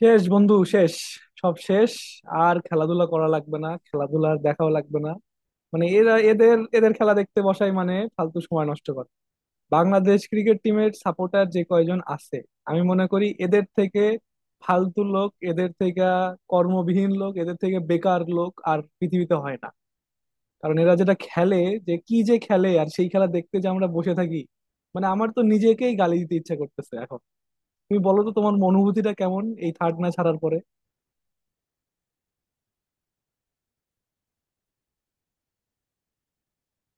শেষ বন্ধু, শেষ। সব শেষ। আর খেলাধুলা করা লাগবে না, খেলাধুলার দেখাও লাগবে না। মানে এরা, এদের এদের খেলা দেখতে বসাই মানে ফালতু সময় নষ্ট করে। বাংলাদেশ ক্রিকেট টিমের সাপোর্টার যে কয়জন আছে, আমি মনে করি এদের থেকে ফালতু লোক, এদের থেকে কর্মবিহীন লোক, এদের থেকে বেকার লোক আর পৃথিবীতে হয় না। কারণ এরা যেটা খেলে, যে কি যে খেলে, আর সেই খেলা দেখতে যে আমরা বসে থাকি, মানে আমার তো নিজেকেই গালি দিতে ইচ্ছা করতেছে এখন। তুমি বলো তো, তোমার অনুভূতিটা কেমন এই থার্ড ম্যাচ হারার পরে?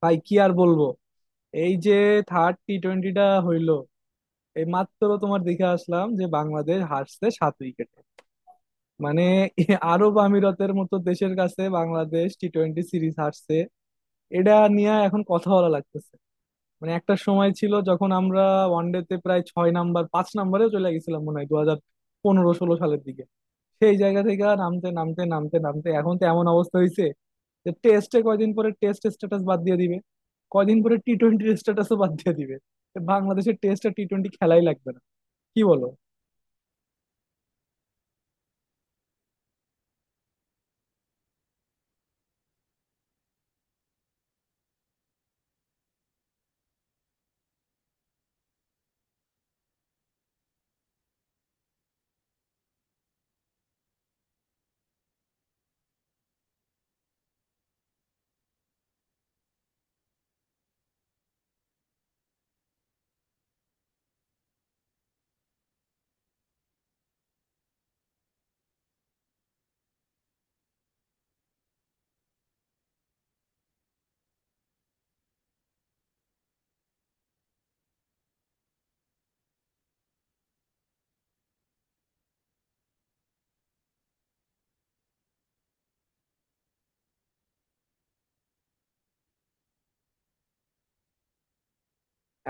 ভাই কি আর বলবো। এই যে থার্ড টি টোয়েন্টিটা হইলো, এই মাত্র তোমার দেখে আসলাম যে বাংলাদেশ হারছে 7 উইকেটে। মানে আরব আমিরাতের মতো দেশের কাছে বাংলাদেশ টি টোয়েন্টি সিরিজ হারছে, এটা নিয়ে এখন কথা বলা লাগতেছে। মানে একটা সময় ছিল যখন আমরা ওয়ানডেতে প্রায় 6 নাম্বার, 5 নাম্বারেও চলে গেছিলাম, মনে হয় 2015-2016 সালের দিকে। সেই জায়গা থেকে আর নামতে নামতে নামতে নামতে এখন তো এমন অবস্থা হয়েছে যে টেস্টে কয়দিন পরে টেস্ট স্ট্যাটাস বাদ দিয়ে দিবে, কয়দিন পরে টি টোয়েন্টির স্ট্যাটাসও বাদ দিয়ে দিবে। তো বাংলাদেশের টেস্ট আর টি টোয়েন্টি খেলাই লাগবে না, কি বলো?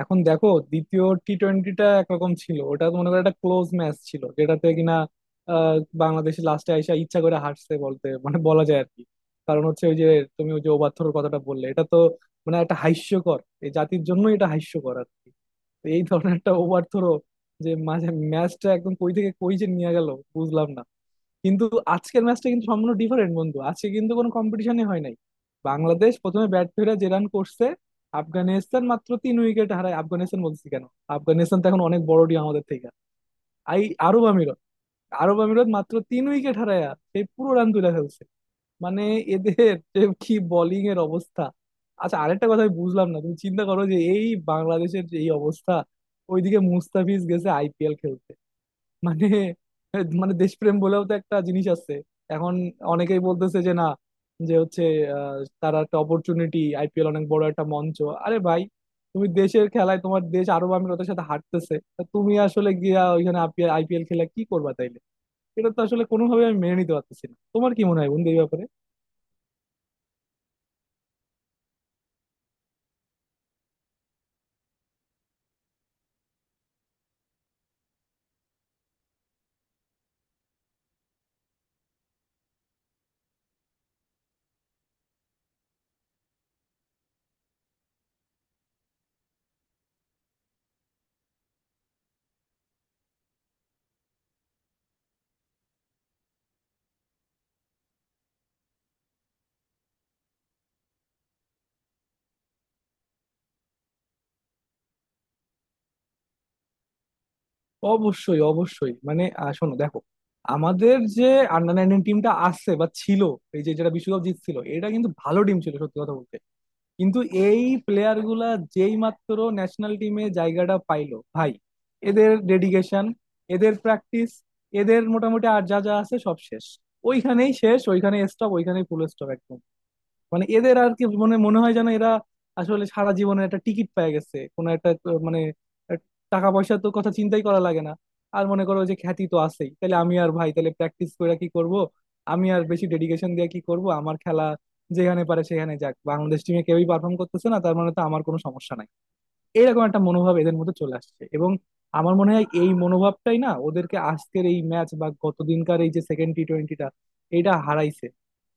এখন দেখো, দ্বিতীয় টি টোয়েন্টিটা একরকম ছিল। ওটা তো মনে করো একটা ক্লোজ ম্যাচ ছিল যেটাতে কিনা আহ, বাংলাদেশ লাস্টে আইসা ইচ্ছা করে হারছে বলতে মানে বলা যায় আর কি। কারণ হচ্ছে ওই যে, তুমি ওই যে ওভারথ্রোর কথাটা বললে, এটা তো মানে একটা হাস্যকর, এই জাতির জন্যই এটা হাস্যকর আর কি। তো এই ধরনের একটা ওভারথ্রো যে মাঝে ম্যাচটা একদম কই থেকে কই যে নিয়ে গেল, বুঝলাম না। কিন্তু আজকের ম্যাচটা কিন্তু সম্পূর্ণ ডিফারেন্ট বন্ধু, আজকে কিন্তু কোনো কম্পিটিশনই হয় নাই। বাংলাদেশ প্রথমে ব্যাট ধরে যে রান করছে, আফগানিস্তান মাত্র 3 উইকেট হারায়। আফগানিস্তান বলছি কেন, আফগানিস্তান তো এখন অনেক বড় টিম আমাদের থেকে। আই, আরব আমিরত, আরব আমিরত মাত্র 3 উইকেট হারায় সেই পুরো রান তুলে ফেলছে। মানে এদের যে কি বোলিং এর অবস্থা। আচ্ছা, আরেকটা কথা আমি বুঝলাম না, তুমি চিন্তা করো যে এই বাংলাদেশের যে এই অবস্থা, ওইদিকে মুস্তাফিজ গেছে আইপিএল খেলতে। মানে, মানে দেশপ্রেম বলেও তো একটা জিনিস আছে। এখন অনেকেই বলতেছে যে না, যে হচ্ছে আহ, তারা একটা অপরচুনিটি, আইপিএল অনেক বড় একটা মঞ্চ। আরে ভাই, তুমি দেশের খেলায় তোমার দেশ আরব আমিরাতের সাথে হাঁটতেছে, তা তুমি আসলে গিয়া ওইখানে আইপিএল খেলা কি করবা তাইলে? এটা তো আসলে কোনোভাবে আমি মেনে নিতে পারতেছি না। তোমার কি মনে হয় বন্ধু এই ব্যাপারে? অবশ্যই, অবশ্যই। মানে শোনো, দেখো, আমাদের যে আন্ডার 19 টিমটা আসছে বা ছিল, এই যে যেটা বিশ্বকাপ জিতছিল, এটা কিন্তু ভালো টিম ছিল, সত্যি কথা বলতে। কিন্তু এই প্লেয়ার গুলা যেই মাত্র ন্যাশনাল টিমে জায়গাটা পাইলো ভাই, এদের ডেডিকেশন, এদের প্র্যাকটিস, এদের মোটামুটি আর যা যা আছে সব শেষ। ওইখানেই শেষ, ওইখানেই স্টপ, ওইখানেই ফুল স্টপ একদম। মানে এদের আর কি মনে মনে হয় যেন এরা আসলে সারা জীবনে একটা টিকিট পেয়ে গেছে কোনো একটা মানে এক, টাকা পয়সা তো কথা চিন্তাই করা লাগে না, আর মনে করো যে খ্যাতি তো আছেই, তাহলে আমি আর ভাই তাহলে প্র্যাকটিস করে কি করব, আমি আর বেশি ডেডিকেশন দিয়ে কি করব, আমার খেলা যেখানে পারে সেখানে যাক, বাংলাদেশ টিমে কেউই পারফর্ম করতেছে না তার মানে তো আমার কোনো সমস্যা নাই। এরকম একটা মনোভাব এদের মধ্যে চলে আসছে, এবং আমার মনে হয় এই মনোভাবটাই না ওদেরকে আজকের এই ম্যাচ বা গতদিনকার এই যে সেকেন্ড টি টোয়েন্টিটা, এটা হারাইছে।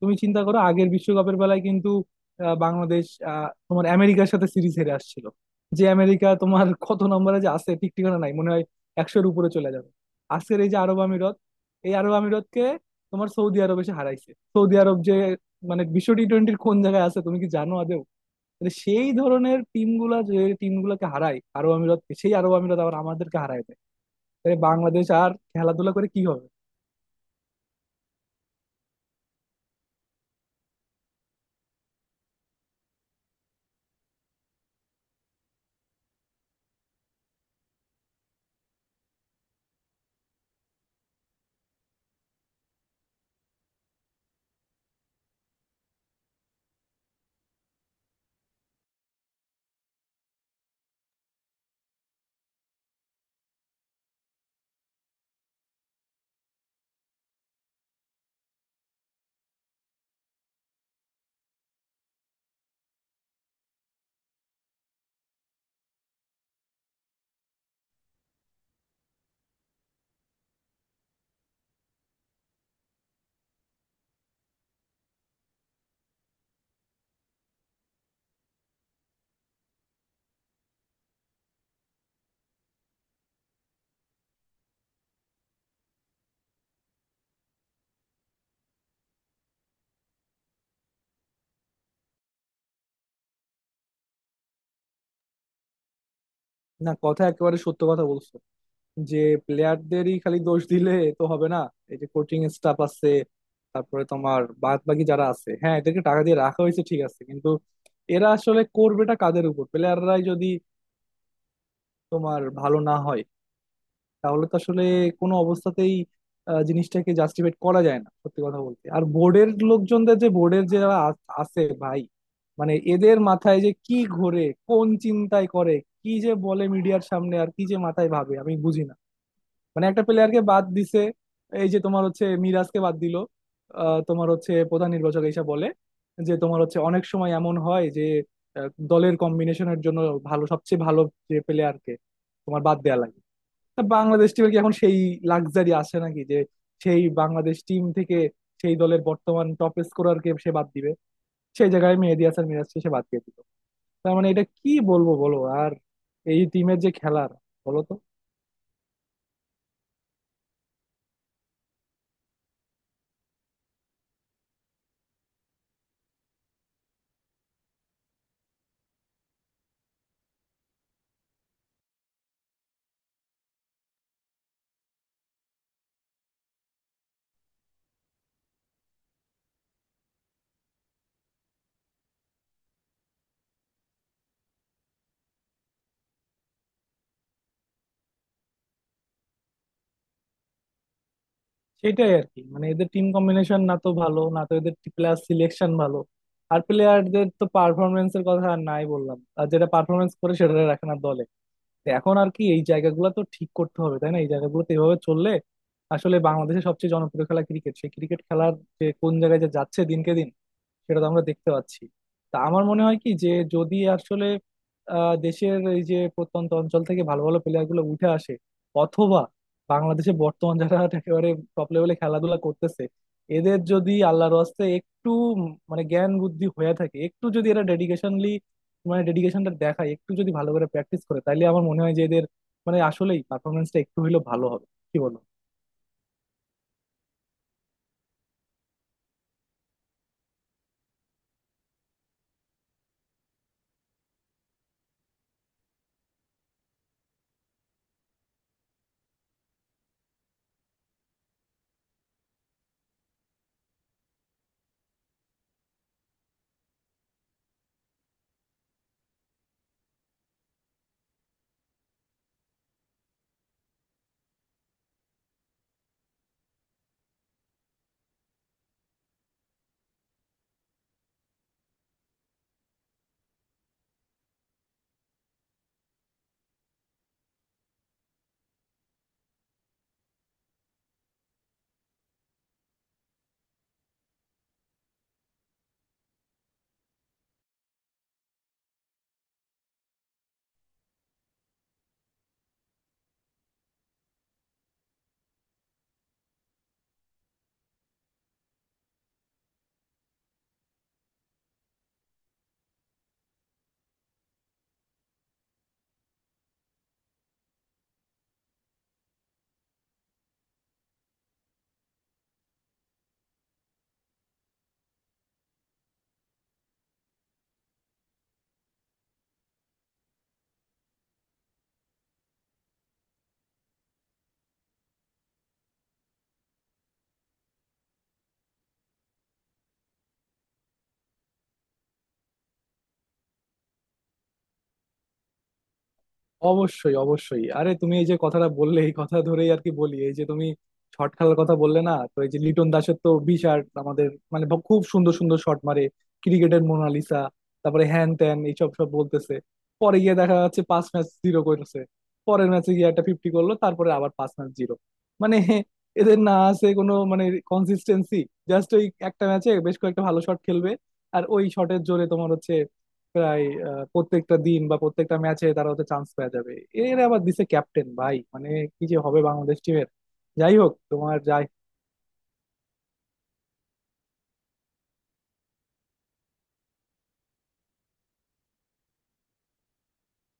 তুমি চিন্তা করো আগের বিশ্বকাপের বেলায় কিন্তু বাংলাদেশ তোমার আমেরিকার সাথে সিরিজ হেরে আসছিল। যে আমেরিকা তোমার কত নম্বরে যে আছে ঠিক ঠিকানা নাই, মনে হয় 100-এর উপরে চলে যাবে। আজকের এই যে আরব আমিরত, এই আরব আমিরতকে তোমার সৌদি আরব এসে হারাইছে। সৌদি আরব যে মানে বিশ্ব টি টোয়েন্টির কোন জায়গায় আছে তুমি কি জানো আদৌ? মানে সেই ধরনের টিম গুলা, যে টিম গুলাকে হারায় আরব আমিরাতকে, সেই আরব আমিরাত আবার আমাদেরকে হারায় দেয়। তাহলে বাংলাদেশ আর খেলাধুলা করে কি হবে? না, কথা একেবারে সত্য কথা বলছো। যে প্লেয়ারদেরই খালি দোষ দিলে তো হবে না। এই যে কোচিং স্টাফ আছে, তারপরে তোমার বাদ বাকি যারা আছে, হ্যাঁ, এদেরকে টাকা দিয়ে রাখা হয়েছে, ঠিক আছে। কিন্তু এরা আসলে করবেটা কাদের উপর, প্লেয়াররাই যদি তোমার ভালো না হয়, তাহলে তো আসলে কোনো অবস্থাতেই জিনিসটাকে জাস্টিফাইড করা যায় না, সত্যি কথা বলতে। আর বোর্ডের লোকজনদের, যে বোর্ডের যারা আছে ভাই, মানে এদের মাথায় যে কি ঘোরে, কোন চিন্তায় করে, কি যে বলে মিডিয়ার সামনে আর কি যে মাথায় ভাবে, আমি বুঝি না। মানে একটা প্লেয়ারকে বাদ দিছে, এই যে তোমার হচ্ছে মিরাজকে বাদ দিল। তোমার হচ্ছে প্রধান নির্বাচক এসে বলে যে তোমার হচ্ছে অনেক সময় এমন হয় যে দলের কম্বিনেশনের জন্য ভালো, সবচেয়ে ভালো যে প্লেয়ারকে তোমার বাদ দেয়া লাগে। তা বাংলাদেশ টিমের কি এখন সেই লাক্সারি আছে নাকি, যে সেই বাংলাদেশ টিম থেকে সেই দলের বর্তমান টপ স্কোরার কে সে বাদ দিবে? সেই জায়গায় মেহেদী হাসান মিরাজকে সে বাদ দিয়ে দিল। তার মানে এটা কি বলবো বলো। আর এই টিমের যে খেলার, বলো তো। সেটাই আর কি, মানে এদের টিম কম্বিনেশন না তো ভালো, না তো এদের প্লেয়ার সিলেকশন ভালো। আর প্লেয়ারদের তো পারফরমেন্স এর কথা আর নাই বললাম, আর যেটা পারফরমেন্স করে সেটা রাখে না দলে। তো এখন আর কি, এই জায়গাগুলো তো ঠিক করতে হবে তাই না? এই জায়গাগুলোতে এভাবে চললে আসলে বাংলাদেশের সবচেয়ে জনপ্রিয় খেলা ক্রিকেট, সেই ক্রিকেট খেলার যে কোন জায়গায় যে যাচ্ছে দিনকে দিন, সেটা তো আমরা দেখতে পাচ্ছি। তা আমার মনে হয় কি, যে যদি আসলে দেশের এই যে প্রত্যন্ত অঞ্চল থেকে ভালো ভালো প্লেয়ার গুলো উঠে আসে, অথবা বাংলাদেশে বর্তমান যারা একেবারে টপ লেভেলে খেলাধুলা করতেছে, এদের যদি আল্লাহর হস্তে একটু মানে জ্ঞান বুদ্ধি হয়ে থাকে, একটু যদি এরা ডেডিকেশনলি মানে ডেডিকেশনটা দেখায়, একটু যদি ভালো করে প্র্যাকটিস করে, তাহলে আমার মনে হয় যে এদের মানে আসলেই পারফরমেন্সটা একটু হলেও ভালো হবে। কি বলো? অবশ্যই, অবশ্যই। আরে তুমি এই যে কথাটা বললে, এই কথা ধরেই আর কি বলি, এই যে তুমি শর্ট খেলার কথা বললে না, তো এই যে লিটন দাসের তো বিশাল, আমাদের মানে খুব সুন্দর সুন্দর শট মারে, ক্রিকেটের মোনালিসা, তারপরে হ্যান ত্যান এইসব সব বলতেছে। পরে গিয়ে দেখা যাচ্ছে 5 ম্যাচ জিরো করছে, পরের ম্যাচে গিয়ে একটা ফিফটি করলো, তারপরে আবার 5 ম্যাচ জিরো। মানে এদের না আছে কোনো মানে কনসিস্টেন্সি। জাস্ট ওই একটা ম্যাচে বেশ কয়েকটা ভালো শট খেলবে, আর ওই শটের জোরে তোমার হচ্ছে প্রায় প্রত্যেকটা দিন বা প্রত্যেকটা ম্যাচে তারা হচ্ছে চান্স পাওয়া যাবে। এর আবার দিছে ক্যাপ্টেন, ভাই মানে কি যে হবে বাংলাদেশ টিমের। যাই হোক, তোমার যাই।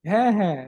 হ্যাঁ, হ্যাঁ।